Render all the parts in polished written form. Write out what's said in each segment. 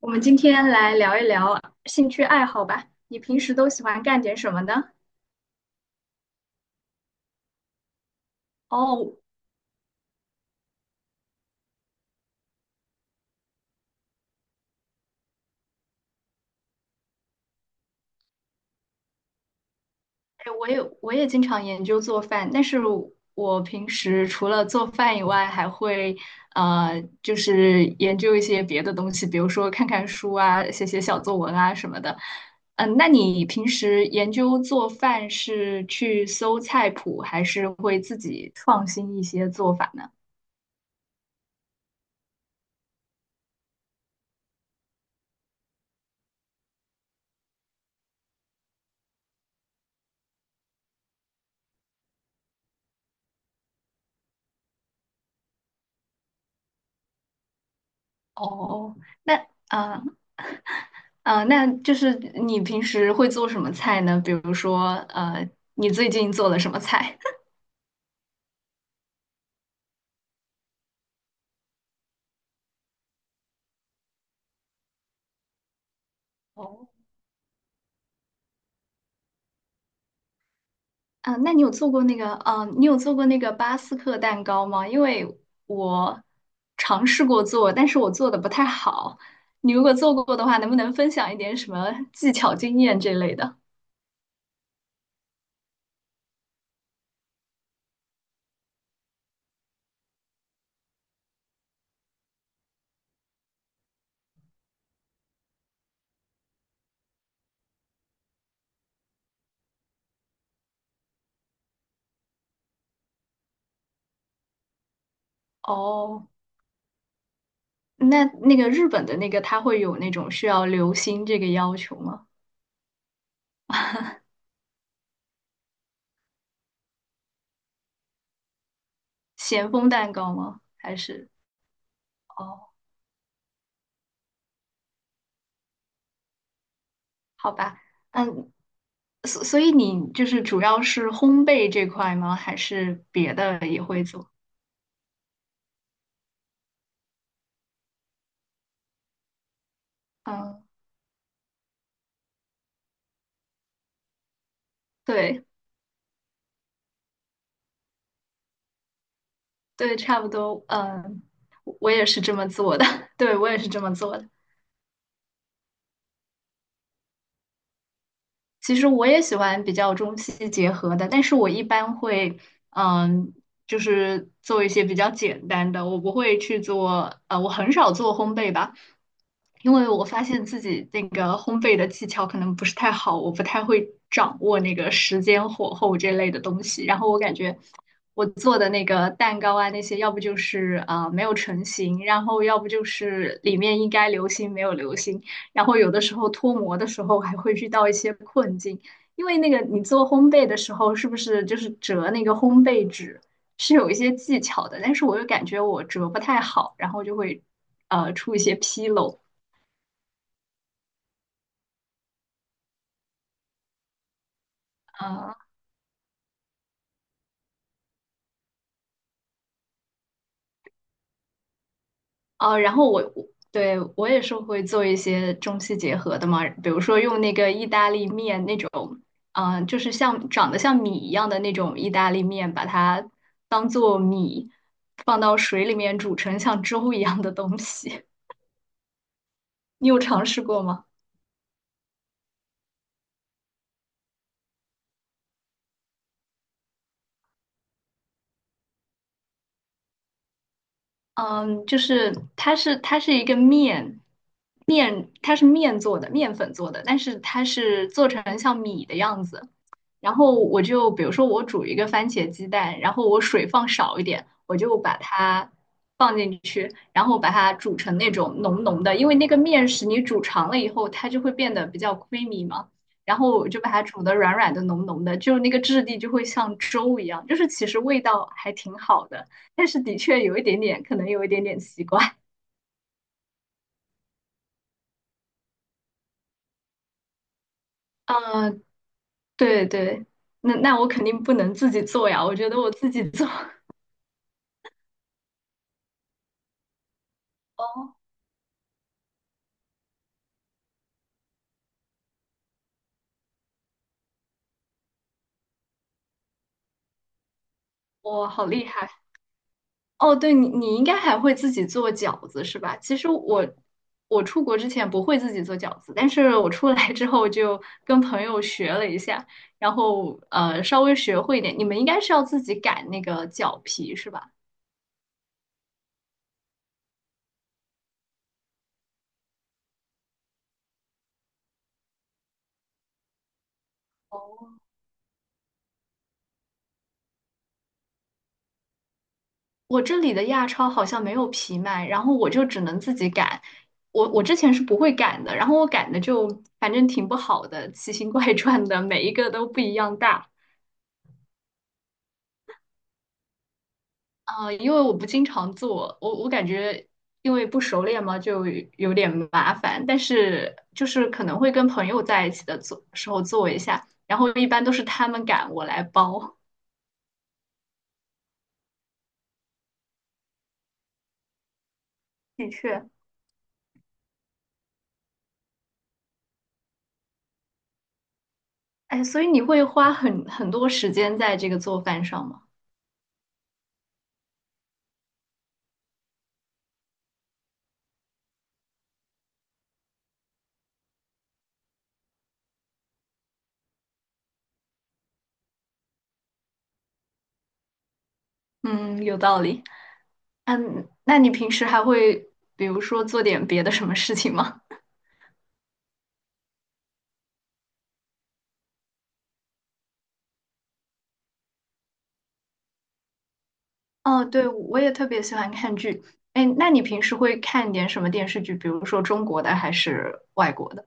我们今天来聊一聊兴趣爱好吧。你平时都喜欢干点什么呢？哦，哎，我也经常研究做饭，但是我平时除了做饭以外，还会就是研究一些别的东西，比如说看看书啊，写写小作文啊什么的。嗯，那你平时研究做饭是去搜菜谱，还是会自己创新一些做法呢？哦，那嗯。呃那就是你平时会做什么菜呢？比如说，你最近做了什么菜？哦，啊，那你有做过那个巴斯克蛋糕吗？因为我尝试过做，但是我做的不太好。你如果做过的话，能不能分享一点什么技巧、经验这类的？哦，那个日本的那个，它会有那种需要留心这个要求吗？咸丰蛋糕吗？还是？哦。好吧，嗯，所以你就是主要是烘焙这块吗？还是别的也会做？嗯，对对，差不多，我也是这么做的，对我也是这么做的。其实我也喜欢比较中西结合的，但是我一般会，嗯，就是做一些比较简单的，我不会去做，我很少做烘焙吧，因为我发现自己那个烘焙的技巧可能不是太好，我不太会掌握那个时间、火候这类的东西。然后我感觉我做的那个蛋糕啊，那些要不就是没有成型，然后要不就是里面应该流心没有流心。然后有的时候脱模的时候还会遇到一些困境，因为那个你做烘焙的时候，是不是就是折那个烘焙纸是有一些技巧的？但是我又感觉我折不太好，然后就会出一些纰漏。呃，哦，然后我对我也是会做一些中西结合的嘛，比如说用那个意大利面那种，就是像长得像米一样的那种意大利面，把它当做米放到水里面煮成像粥一样的东西，你有尝试过吗？嗯，就是它是一个面，它是面做的，面粉做的，但是它是做成像米的样子。然后我就比如说我煮一个番茄鸡蛋，然后我水放少一点，我就把它放进去，然后把它煮成那种浓浓的，因为那个面食你煮长了以后，它就会变得比较 creamy 嘛。然后我就把它煮的软软的、浓浓的，就那个质地就会像粥一样，就是其实味道还挺好的。但是的确有一点点，可能有一点点奇怪啊。对对，那我肯定不能自己做呀，我觉得我自己做，哦，我好厉害。哦，对你应该还会自己做饺子是吧？其实我出国之前不会自己做饺子，但是我出来之后就跟朋友学了一下，然后稍微学会一点。你们应该是要自己擀那个饺皮是吧？哦，我这里的亚超好像没有皮卖，然后我就只能自己擀。我之前是不会擀的，然后我擀的就反正挺不好的，奇形怪状的，每一个都不一样大。因为我不经常做，我感觉因为不熟练嘛，就有点麻烦。但是就是可能会跟朋友在一起的做时候做一下，然后一般都是他们擀，我来包。的确，哎，所以你会花很多时间在这个做饭上吗？嗯，有道理。那你平时还会比如说做点别的什么事情吗？哦，对，我也特别喜欢看剧。哎，那你平时会看点什么电视剧？比如说中国的还是外国的？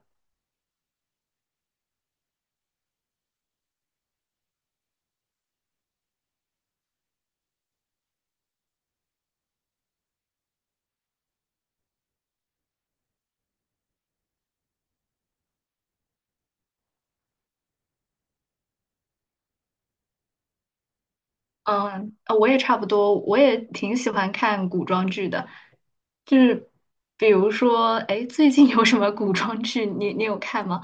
嗯，我也差不多，我也挺喜欢看古装剧的。就是比如说，哎，最近有什么古装剧？你有看吗？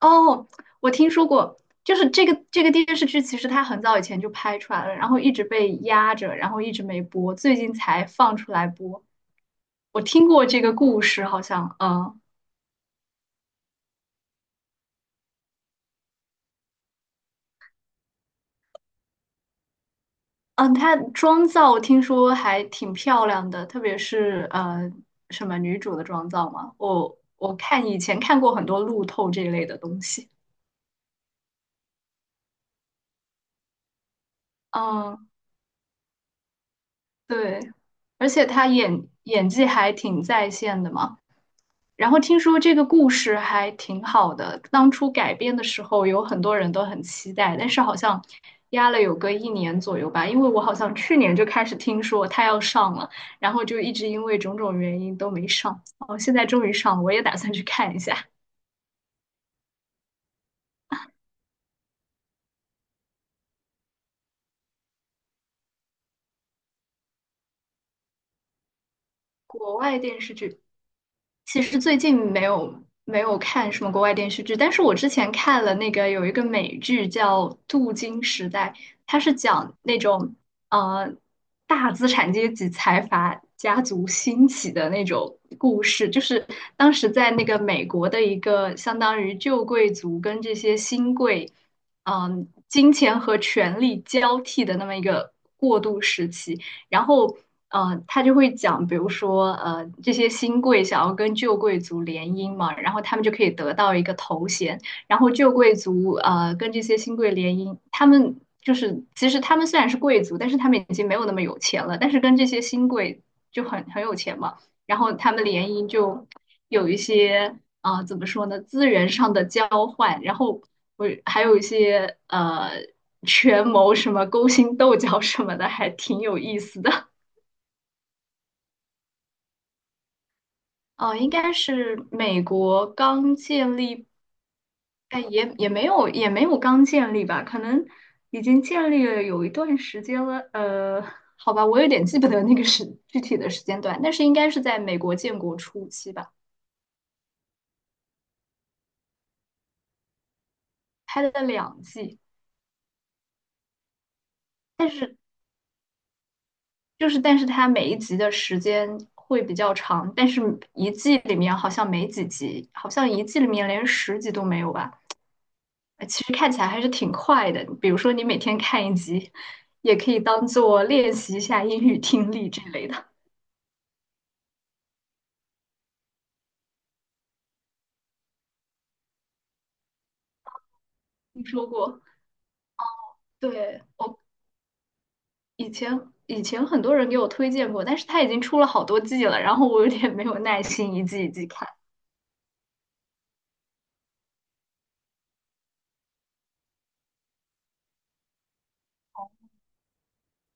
哦，我听说过，就是这个电视剧，其实它很早以前就拍出来了，然后一直被压着，然后一直没播，最近才放出来播。我听过这个故事，好像，嗯，她妆造听说还挺漂亮的，特别是什么女主的妆造嘛，我看以前看过很多路透这一类的东西，嗯，对，而且她演技还挺在线的嘛。然后听说这个故事还挺好的，当初改编的时候有很多人都很期待，但是好像压了有个一年左右吧，因为我好像去年就开始听说它要上了，然后就一直因为种种原因都没上，哦，现在终于上了，我也打算去看一下国外电视剧。其实最近没有看什么国外电视剧，但是我之前看了那个有一个美剧叫《镀金时代》，它是讲那种呃大资产阶级财阀家族兴起的那种故事，就是当时在那个美国的一个相当于旧贵族跟这些新贵，金钱和权力交替的那么一个过渡时期。然后他就会讲，比如说这些新贵想要跟旧贵族联姻嘛，然后他们就可以得到一个头衔，然后旧贵族跟这些新贵联姻，他们就是其实他们虽然是贵族，但是他们已经没有那么有钱了，但是跟这些新贵就很有钱嘛。然后他们联姻就有一些啊、怎么说呢，资源上的交换，然后我还有一些权谋什么勾心斗角什么的，还挺有意思的。哦，应该是美国刚建立，哎，也没有刚建立吧，可能已经建立了有一段时间了。好吧，我有点记不得那个时具体的时间段，但是应该是在美国建国初期吧，拍了2季。但是。就是，但是它每一集的时间会比较长，但是一季里面好像没几集，好像一季里面连10集都没有吧。其实看起来还是挺快的。比如说你每天看一集，也可以当做练习一下英语听力之类的。听说过？对，我以前以前很多人给我推荐过，但是它已经出了好多季了，然后我有点没有耐心一季一季看，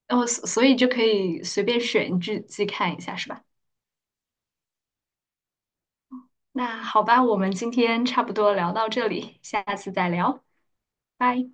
然后所以就可以随便选一季一季看一下，是吧？那好吧，我们今天差不多聊到这里，下次再聊，拜。